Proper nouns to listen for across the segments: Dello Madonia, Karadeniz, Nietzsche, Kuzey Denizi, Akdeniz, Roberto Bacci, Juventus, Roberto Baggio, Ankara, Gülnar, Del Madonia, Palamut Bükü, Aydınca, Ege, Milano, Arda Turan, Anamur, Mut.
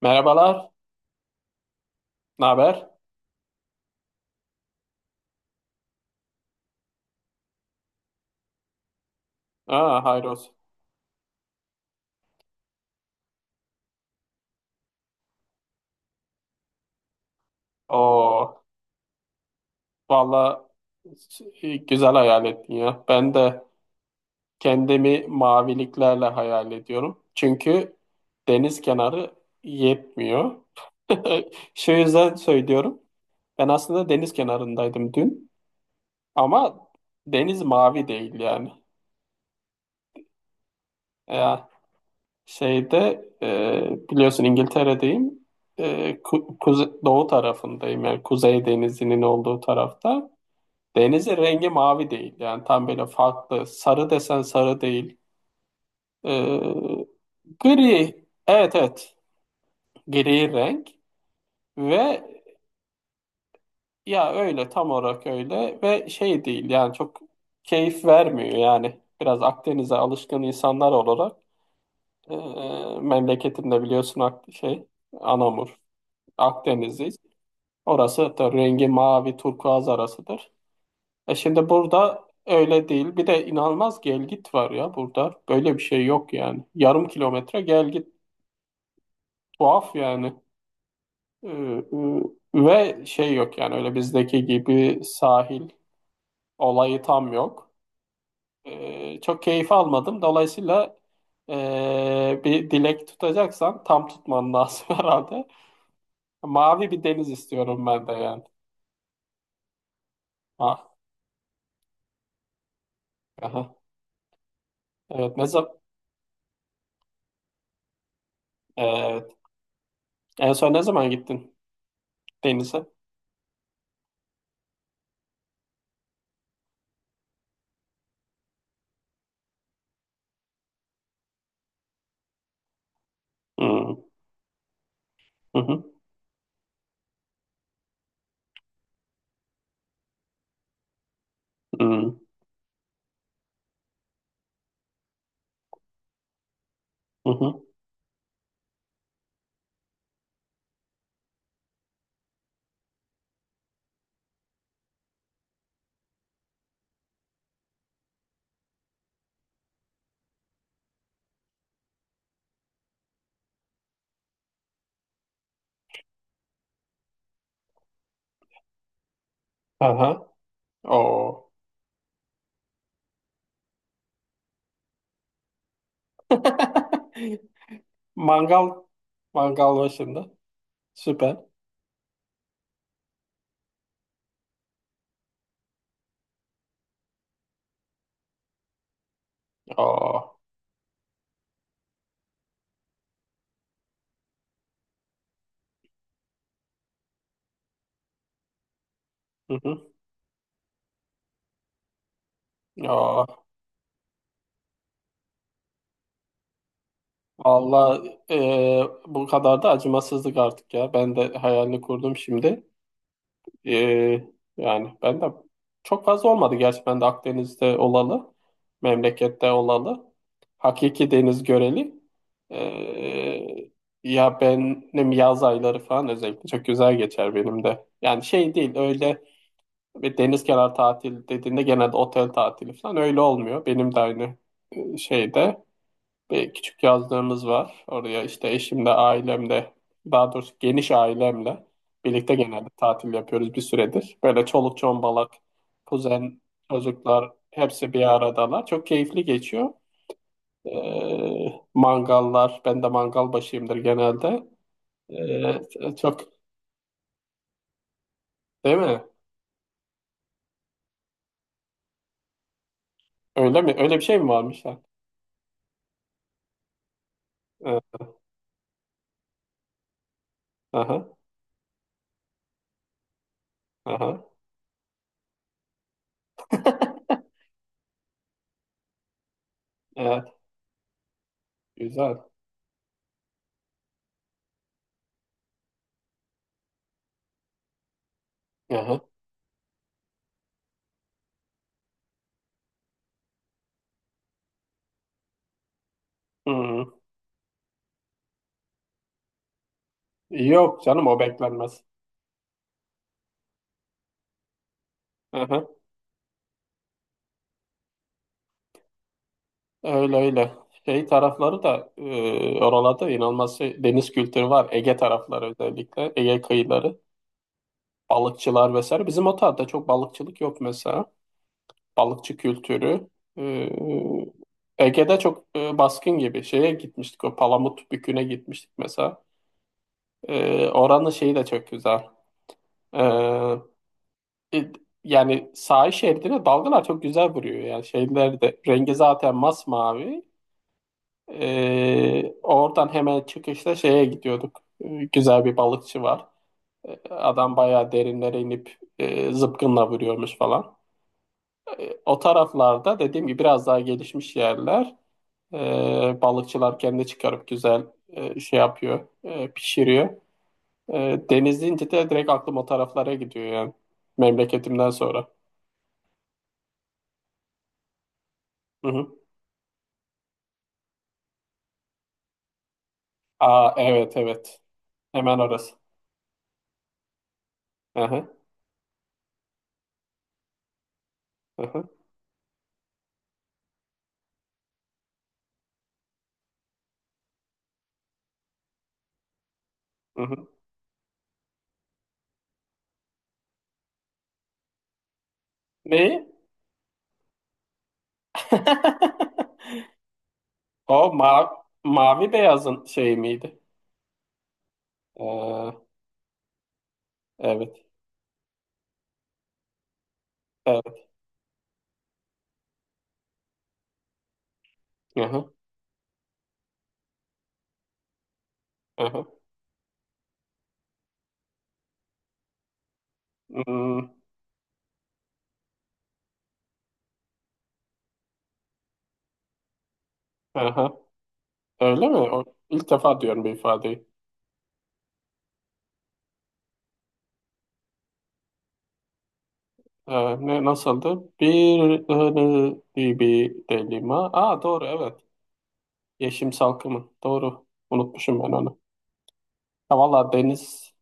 Merhabalar, ne haber? Aa, hayrols. Oo, valla güzel hayal ettin ya. Ben de kendimi maviliklerle hayal ediyorum. Çünkü deniz kenarı yetmiyor. Şu yüzden söylüyorum. Ben aslında deniz kenarındaydım dün. Ama deniz mavi değil yani. Ya şeyde biliyorsun İngiltere'deyim. Doğu tarafındayım yani Kuzey Denizi'nin olduğu tarafta. Denizin rengi mavi değil. Yani tam böyle farklı. Sarı desen sarı değil. Ee, gri. Evet evet. Gri renk. Ve ya öyle tam olarak öyle. Ve şey değil yani çok keyif vermiyor yani. Biraz Akdeniz'e alışkın insanlar olarak. E, memleketimde biliyorsun şey Anamur. Akdeniz'deyiz. Orası da rengi mavi turkuaz arasıdır. E şimdi burada öyle değil. Bir de inanılmaz gel git var ya burada. Böyle bir şey yok yani. Yarım kilometre gel git. Tuhaf yani. Ee, e, ve şey yok yani öyle bizdeki gibi sahil olayı tam yok. Çok keyif almadım. Dolayısıyla bir dilek tutacaksan tam tutman lazım herhalde. Mavi bir deniz istiyorum ben de yani. Ah, aha. Evet ne zaman? Evet. En son ne zaman gittin denize? Hmm. Hı hı. Hmm. Hı hı. Aha. Oo. Mangal. Mangal başında. Süper. Oo. Hı hı. Oo. Valla e, bu kadar da acımasızlık artık ya. Ben de hayalini kurdum şimdi. E, yani ben de çok fazla olmadı gerçi ben de Akdeniz'de olalı. Memlekette olalı. Hakiki deniz göreli. E, ya benim yaz ayları falan özellikle çok güzel geçer benim de. Yani şey değil öyle. Ve deniz kenarı tatil dediğinde genelde otel tatili falan öyle olmuyor. Benim de aynı şeyde bir küçük yazlığımız var. Oraya işte eşimle, ailemle, daha doğrusu geniş ailemle birlikte genelde tatil yapıyoruz bir süredir. Böyle çoluk çombalak, kuzen, çocuklar hepsi bir aradalar. Çok keyifli geçiyor. Mangallar, ben de mangal başıyımdır genelde. Çok değil mi? Öyle mi? Öyle bir şey mi varmış? Ha? Ee, aha, aha. Evet. Güzel. Aha. Hı. Yok canım o beklenmez. Aha. Öyle öyle. Şey tarafları da oralarda inanılmaz şey, deniz kültürü var. Ege tarafları özellikle. Ege kıyıları. Balıkçılar vesaire. Bizim o tarafta çok balıkçılık yok mesela. Balıkçı kültürü. E, Ege'de çok baskın gibi. Şeye gitmiştik o Palamut Bükü'ne gitmiştik mesela. Oranın şeyi de çok güzel. E, E, Yani sahil şeridine dalgalar çok güzel vuruyor. Yani şeyler de rengi zaten masmavi. Oradan hemen çıkışta şeye gidiyorduk. Güzel bir balıkçı var. Adam bayağı derinlere inip zıpkınla vuruyormuş falan. O taraflarda dediğim gibi biraz daha gelişmiş yerler. Balıkçılar kendi çıkarıp güzel şey yapıyor, pişiriyor. Deniz deyince de direkt aklım o taraflara gidiyor yani memleketimden sonra. Hı hı. Aa evet evet. Hemen orası. Hı hı, hı hı, hı hı. Neyi? O ma mavi beyazın şeyi miydi? Ee, evet. Evet. Hı hı, hı hı. Hmm, hı hı. Öyle mi? O, ilk defa diyorum bir ifadeyi. Ne nasıldı? Ihını bir delima. Aa doğru evet. Yeşim salkımı. Doğru. Unutmuşum ben onu. Ha, valla deniz.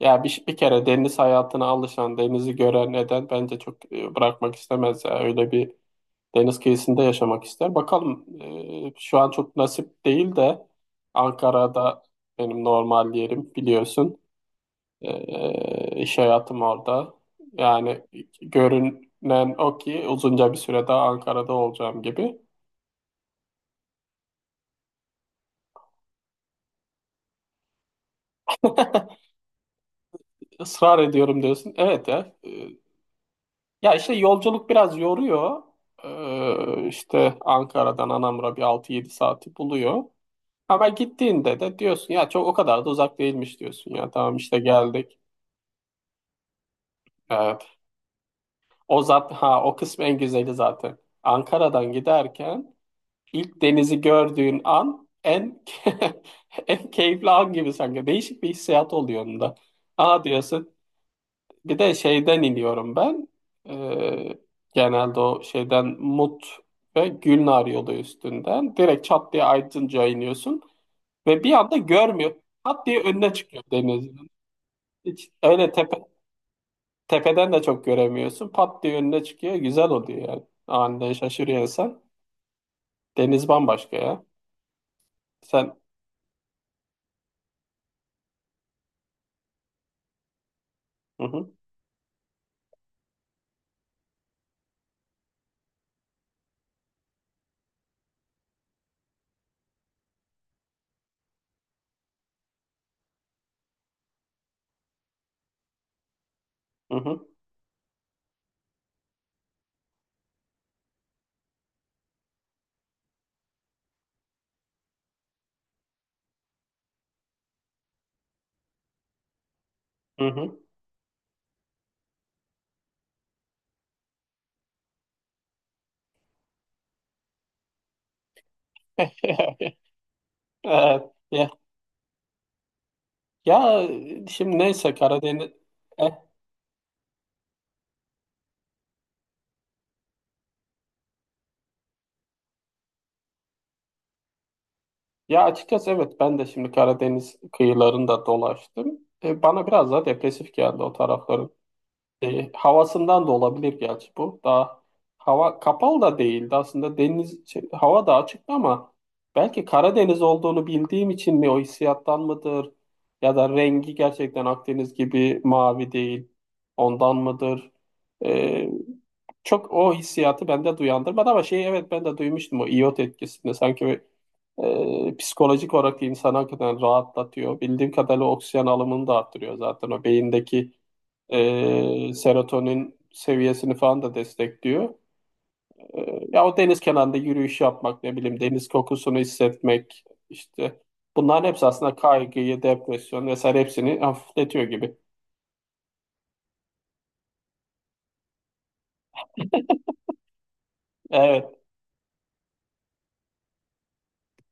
Ya bir kere deniz hayatına alışan, denizi gören neden bence çok bırakmak istemez. Ya. Öyle bir deniz kıyısında yaşamak ister. Bakalım şu an çok nasip değil de Ankara'da benim normal yerim biliyorsun. İş hayatım orada. Yani görünen o ki uzunca bir süre daha Ankara'da olacağım gibi. Israr ediyorum diyorsun. Ya işte yolculuk biraz yoruyor. İşte Ankara'dan Anamur'a bir altı yedi saati buluyor. Ama gittiğinde de diyorsun ya çok o kadar da uzak değilmiş diyorsun ya tamam işte geldik. Evet. O zat ha o kısmı en güzeli zaten. Ankara'dan giderken ilk denizi gördüğün an en keyifli an gibi sanki. Değişik bir hissiyat oluyor onda. Aa diyorsun. Bir de şeyden iniyorum ben. Ee, genelde o şeyden Mut ve Gülnar yolu üstünden. Direkt çat diye Aydınca iniyorsun. Ve bir anda görmüyor. Pat diye önüne çıkıyor denizin. Hiç öyle tepe, tepeden de çok göremiyorsun. Pat diye önüne çıkıyor. Güzel oluyor yani. Aniden şaşırıyor insan. Deniz bambaşka ya. Sen... Hı hı, hı hı, hı hı. Evet. Ya, ya şimdi neyse Karadeniz... Ya açıkçası evet ben de şimdi Karadeniz kıyılarında dolaştım. Bana biraz daha depresif geldi o tarafların. Havasından da olabilir gerçi bu. Daha hava kapalı da değildi aslında deniz şey, hava da açıktı ama belki Karadeniz olduğunu bildiğim için mi o hissiyattan mıdır? Ya da rengi gerçekten Akdeniz gibi mavi değil. Ondan mıdır? E, çok o hissiyatı bende duyandırmadı ama şey evet ben de duymuştum o iot etkisinde sanki psikolojik olarak insanı hakikaten rahatlatıyor. Bildiğim kadarıyla oksijen alımını da arttırıyor zaten. O beyindeki serotonin seviyesini falan da destekliyor. Ya o deniz kenarında yürüyüş yapmak, ne bileyim deniz kokusunu hissetmek işte bunların hepsi aslında kaygıyı, depresyon vesaire hepsini hafifletiyor gibi. Evet.